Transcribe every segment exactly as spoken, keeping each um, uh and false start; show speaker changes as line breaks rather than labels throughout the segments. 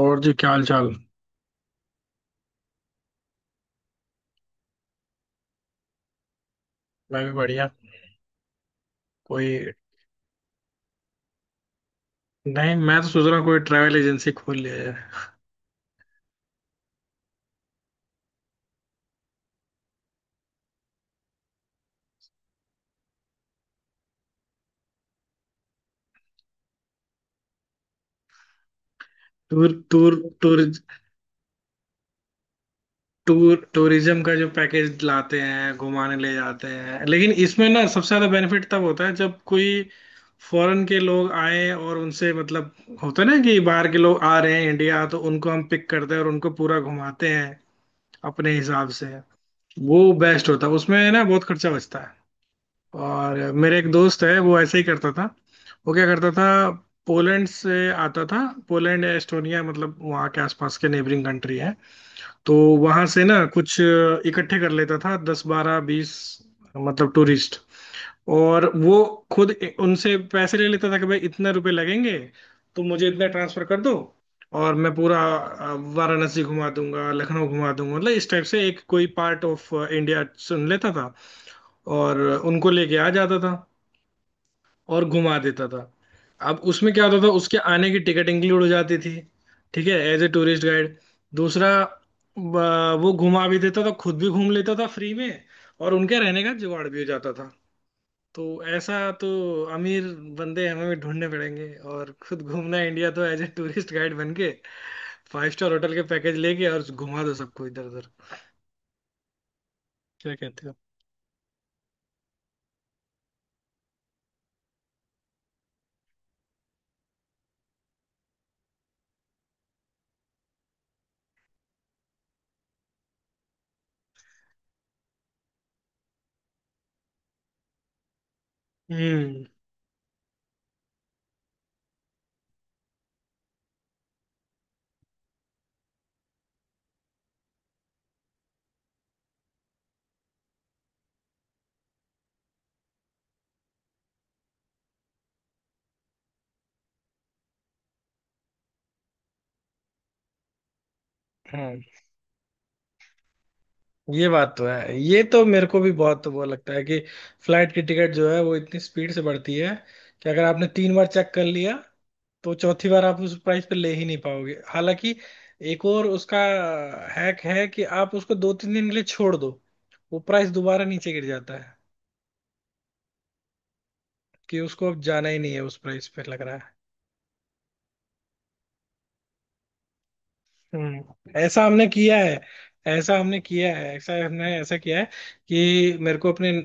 और जी क्या हाल चाल। मैं भी बढ़िया। कोई नहीं, मैं तो सोच रहा हूँ कोई ट्रैवल एजेंसी खोल लिया जाए। Tour tour tour tour tourism का जो पैकेज लाते हैं घुमाने ले जाते हैं, लेकिन इसमें ना सबसे ज्यादा बेनिफिट तब होता है जब कोई फॉरेन के लोग आए और उनसे मतलब होता है ना कि बाहर के लोग आ रहे हैं इंडिया, तो उनको हम पिक करते हैं और उनको पूरा घुमाते हैं अपने हिसाब से। वो बेस्ट होता है, उसमें ना बहुत खर्चा बचता। और मेरे एक दोस्त है, वो ऐसे ही करता था। वो क्या करता था, पोलैंड से आता था। पोलैंड या एस्टोनिया, मतलब वहाँ के आसपास के नेबरिंग कंट्री है, तो वहाँ से ना कुछ इकट्ठे कर लेता था दस बारह बीस, मतलब टूरिस्ट। और वो खुद उनसे पैसे ले लेता था कि भाई इतने रुपए लगेंगे तो मुझे इतना ट्रांसफर कर दो, और मैं पूरा अ, वाराणसी घुमा दूंगा, लखनऊ घुमा दूंगा, मतलब इस टाइप से एक कोई पार्ट ऑफ इंडिया चुन लेता था और उनको लेके आ जाता था और घुमा देता था। अब उसमें क्या होता था, उसके आने की टिकट इंक्लूड हो जाती थी। ठीक है, एज ए टूरिस्ट गाइड। दूसरा, ब- वो घुमा भी देता था, खुद भी घूम लेता था फ्री में, और उनके रहने का जुगाड़ भी हो जाता था। तो ऐसा तो अमीर बंदे हमें भी ढूंढने पड़ेंगे, और खुद घूमना इंडिया, तो एज ए टूरिस्ट गाइड बन के फाइव स्टार होटल के पैकेज लेके और घुमा दो सबको इधर उधर। क्या कहते हो? हम्म। ये बात तो है, ये तो मेरे को भी बहुत वो लगता है कि फ्लाइट की टिकट जो है वो इतनी स्पीड से बढ़ती है कि अगर आपने तीन बार चेक कर लिया, तो चौथी बार आप उस प्राइस पे ले ही नहीं पाओगे। हालांकि एक और उसका हैक है कि आप उसको दो तीन दिन के लिए छोड़ दो, वो प्राइस दोबारा नीचे गिर जाता है, कि उसको अब जाना ही नहीं है उस प्राइस पे लग रहा है। हम्म, ऐसा हमने किया है। ऐसा हमने किया है, ऐसा हमने ऐसा किया है कि मेरे को अपने अ,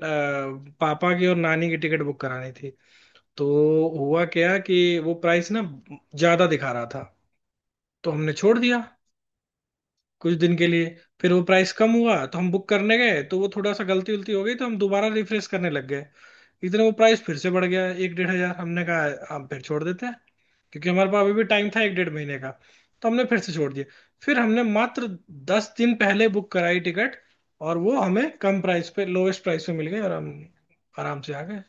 पापा की और नानी की टिकट बुक करानी थी। तो हुआ क्या कि वो प्राइस ना ज्यादा दिखा रहा था, तो हमने छोड़ दिया कुछ दिन के लिए। फिर वो प्राइस कम हुआ, तो हम बुक करने गए, तो वो थोड़ा सा गलती उलती हो गई, तो हम दोबारा रिफ्रेश करने लग गए, इतने वो प्राइस फिर से बढ़ गया एक डेढ़ हजार। हमने कहा हम फिर छोड़ देते हैं, क्योंकि हमारे पास अभी भी टाइम था एक डेढ़ महीने का। तो हमने फिर से छोड़ दिया। फिर हमने मात्र दस दिन पहले बुक कराई टिकट, और वो हमें कम प्राइस पे, लोवेस्ट प्राइस पे मिल गई, और हम आराम से आ गए।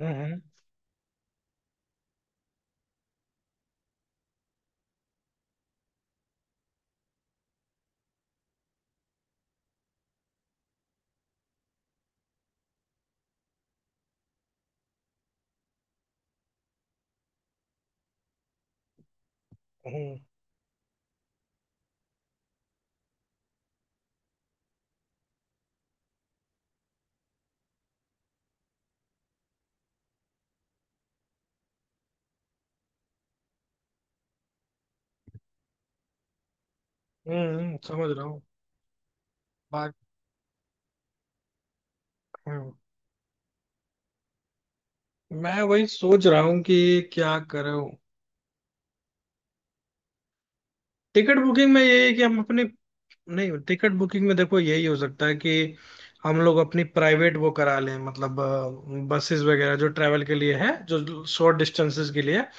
हम्म। हम्म। हम्म, हम्म, समझ रहा हूँ। हाँ, मैं वही सोच रहा हूँ कि क्या करूँ। टिकट बुकिंग में यही है कि हम अपने, नहीं, टिकट बुकिंग में देखो यही हो सकता है कि हम लोग अपनी प्राइवेट वो करा लें, मतलब बसेस वगैरह जो ट्रैवल के लिए है, जो शॉर्ट डिस्टेंसेस के लिए है।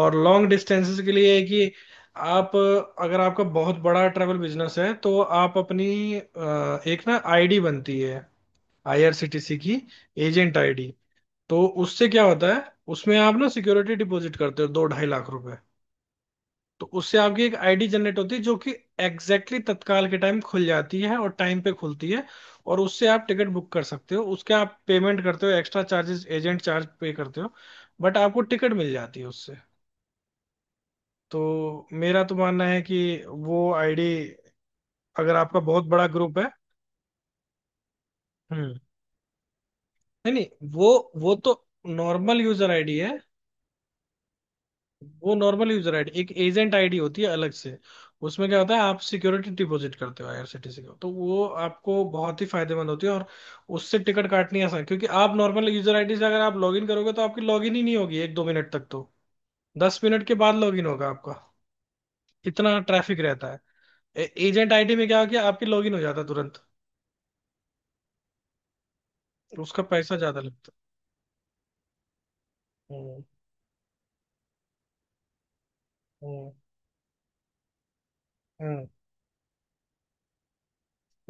और लॉन्ग डिस्टेंसेस के लिए है कि आप अ, अगर आपका बहुत बड़ा ट्रैवल बिजनेस है, तो आप अपनी अ, एक ना आईडी बनती है, आईआरसीटीसी की एजेंट आईडी। तो उससे क्या होता है, उसमें आप ना सिक्योरिटी डिपॉजिट करते हो दो ढाई लाख रुपए, तो उससे आपकी एक आईडी जनरेट होती है, जो कि एग्जैक्टली exactly तत्काल के टाइम खुल जाती है और टाइम पे खुलती है, और उससे आप टिकट बुक कर सकते हो। उसके आप पेमेंट करते हो, extra charges agent charge pay करते हो, बट आपको टिकट मिल जाती है उससे। तो मेरा तो मानना है कि वो आईडी, अगर आपका बहुत बड़ा ग्रुप है। हम्म। नहीं नहीं, वो वो तो नॉर्मल यूजर आईडी है। वो नॉर्मल यूजर आईडी, एक एजेंट आईडी होती है अलग से। उसमें क्या होता है आप सिक्योरिटी डिपॉजिट करते हो आईआरसीटीसी को, तो वो आपको बहुत ही फायदेमंद होती है, और उससे टिकट काटनी आसान है, क्योंकि आप नॉर्मल यूजर आईडी से अगर आप लॉगिन करोगे, तो आपकी लॉगिन ही नहीं होगी एक दो मिनट तक, तो दस मिनट के बाद लॉगिन होगा आपका, इतना ट्रैफिक रहता है। एजेंट आईडी में क्या हो गया, आपकी लॉगिन हो जाता है तुरंत, तो उसका पैसा ज्यादा लगता है। हम्म। हम्म। हम्म।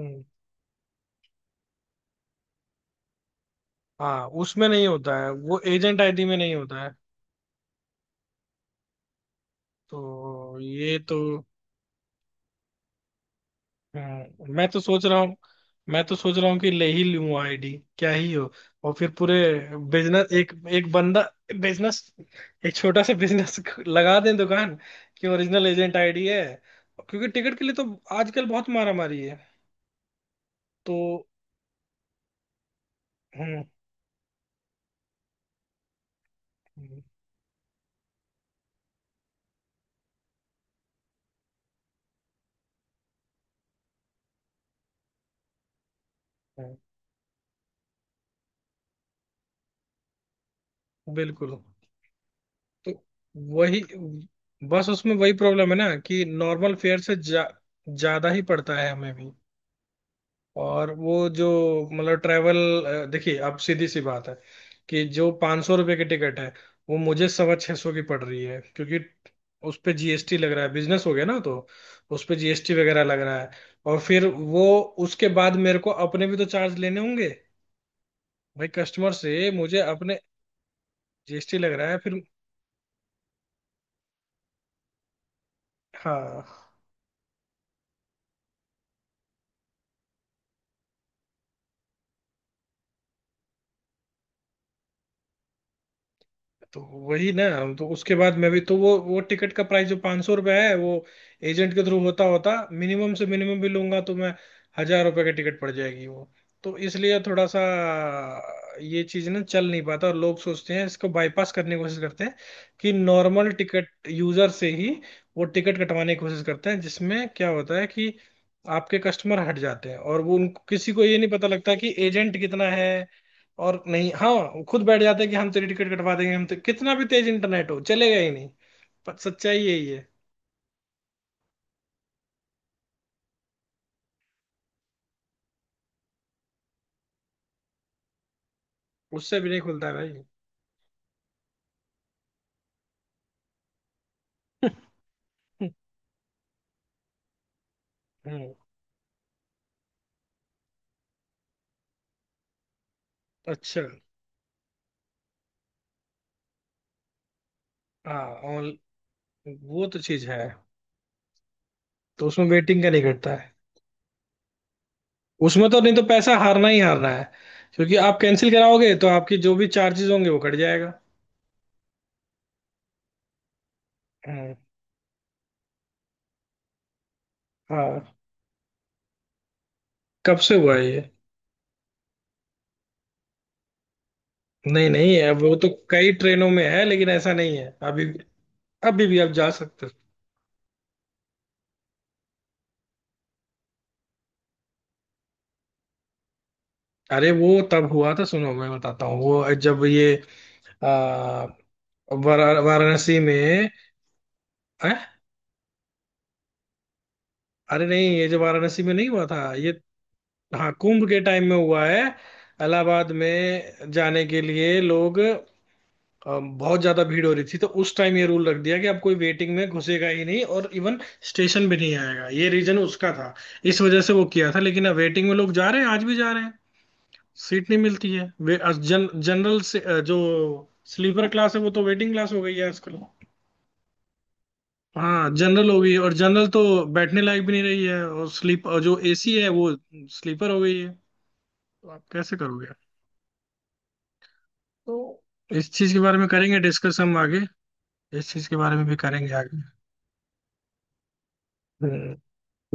हम्म। हाँ उसमें नहीं होता है, वो एजेंट आईडी में नहीं होता है। तो ये तो, हम्म, मैं तो सोच रहा हूँ। मैं तो सोच रहा हूँ कि ले ही लूँ आईडी, क्या ही हो, और फिर पूरे बिजनेस, एक एक बंदा बिजनेस, एक छोटा सा बिजनेस लगा दें दुकान, कि ओरिजिनल एजेंट आईडी है, क्योंकि टिकट के लिए तो आजकल बहुत मारामारी है। तो हम्म। हम्म, हम्म, बिल्कुल। तो वही, बस उसमें वही प्रॉब्लम है ना कि नॉर्मल फेयर से जा, ज्यादा ही पड़ता है हमें भी। और वो जो मतलब ट्रेवल, देखिए अब सीधी सी बात है कि जो पाँच सौ रुपये की टिकट है, वो मुझे सवा छह सौ की पड़ रही है, क्योंकि उस पे जीएसटी लग रहा है, बिजनेस हो गया ना, तो उस पे जीएसटी वगैरह लग रहा है। और फिर वो, उसके बाद मेरे को अपने भी तो चार्ज लेने होंगे भाई, कस्टमर से मुझे अपने जीएसटी लग रहा है फिर, हाँ, तो वही ना, हम तो उसके बाद मैं भी तो वो वो टिकट का प्राइस जो पाँच सौ रुपया है, वो एजेंट के थ्रू होता होता मिनिमम से मिनिमम भी लूंगा तो मैं हजार रुपये की टिकट पड़ जाएगी वो। तो इसलिए थोड़ा सा ये चीज ना चल नहीं पाता, और लोग सोचते हैं इसको बाईपास करने की कोशिश करते हैं, कि नॉर्मल टिकट यूजर से ही वो टिकट कटवाने की कोशिश करते हैं, जिसमें क्या होता है कि आपके कस्टमर हट जाते हैं, और वो उनको किसी को ये नहीं पता लगता कि एजेंट कितना है। और नहीं, हाँ, वो खुद बैठ जाते हैं कि हम तेरी टिकट कटवा देंगे, हम तो कितना भी तेज इंटरनेट हो चलेगा ही नहीं, पर सच्चाई यही है। उससे भी नहीं खुलता है भाई। हम्म। अच्छा। हाँ, ऑन, वो तो चीज है, तो उसमें वेटिंग का नहीं घटता है। उसमें तो नहीं तो पैसा हारना ही हारना है, क्योंकि आप कैंसिल कराओगे तो आपकी जो भी चार्जेस होंगे वो कट जाएगा। हम्म, हाँ। कब से हुआ है ये? नहीं नहीं है, वो तो कई ट्रेनों में है, लेकिन ऐसा नहीं है अभी। अभी भी आप जा सकते हो। अरे वो तब हुआ था, सुनो मैं बताता हूँ, वो जब ये आ, वारा- वाराणसी में, हैं? अरे नहीं, ये जो वाराणसी में नहीं हुआ था, ये हाँ कुंभ के टाइम में हुआ है, इलाहाबाद में जाने के लिए लोग अ, बहुत ज्यादा भीड़ हो रही थी, तो उस टाइम ये रूल रख दिया कि अब कोई वेटिंग में घुसेगा ही नहीं, और इवन स्टेशन भी नहीं आएगा, ये रीजन उसका था, इस वजह से वो किया था। लेकिन अब वेटिंग में लोग जा रहे हैं, आज भी जा रहे हैं। सीट नहीं मिलती है, वे अ, जन, जनरल से अ, जो स्लीपर क्लास है वो तो वेटिंग क्लास हो गई है आजकल। हाँ जनरल हो गई है, और जनरल तो बैठने लायक भी नहीं रही है, और स्लीप और जो एसी है वो स्लीपर हो गई है। तो आप कैसे करोगे? तो इस चीज के बारे में करेंगे डिस्कस हम आगे। इस चीज के बारे में भी करेंगे आगे। हम्म,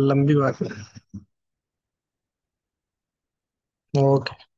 लंबी बात है। ओके।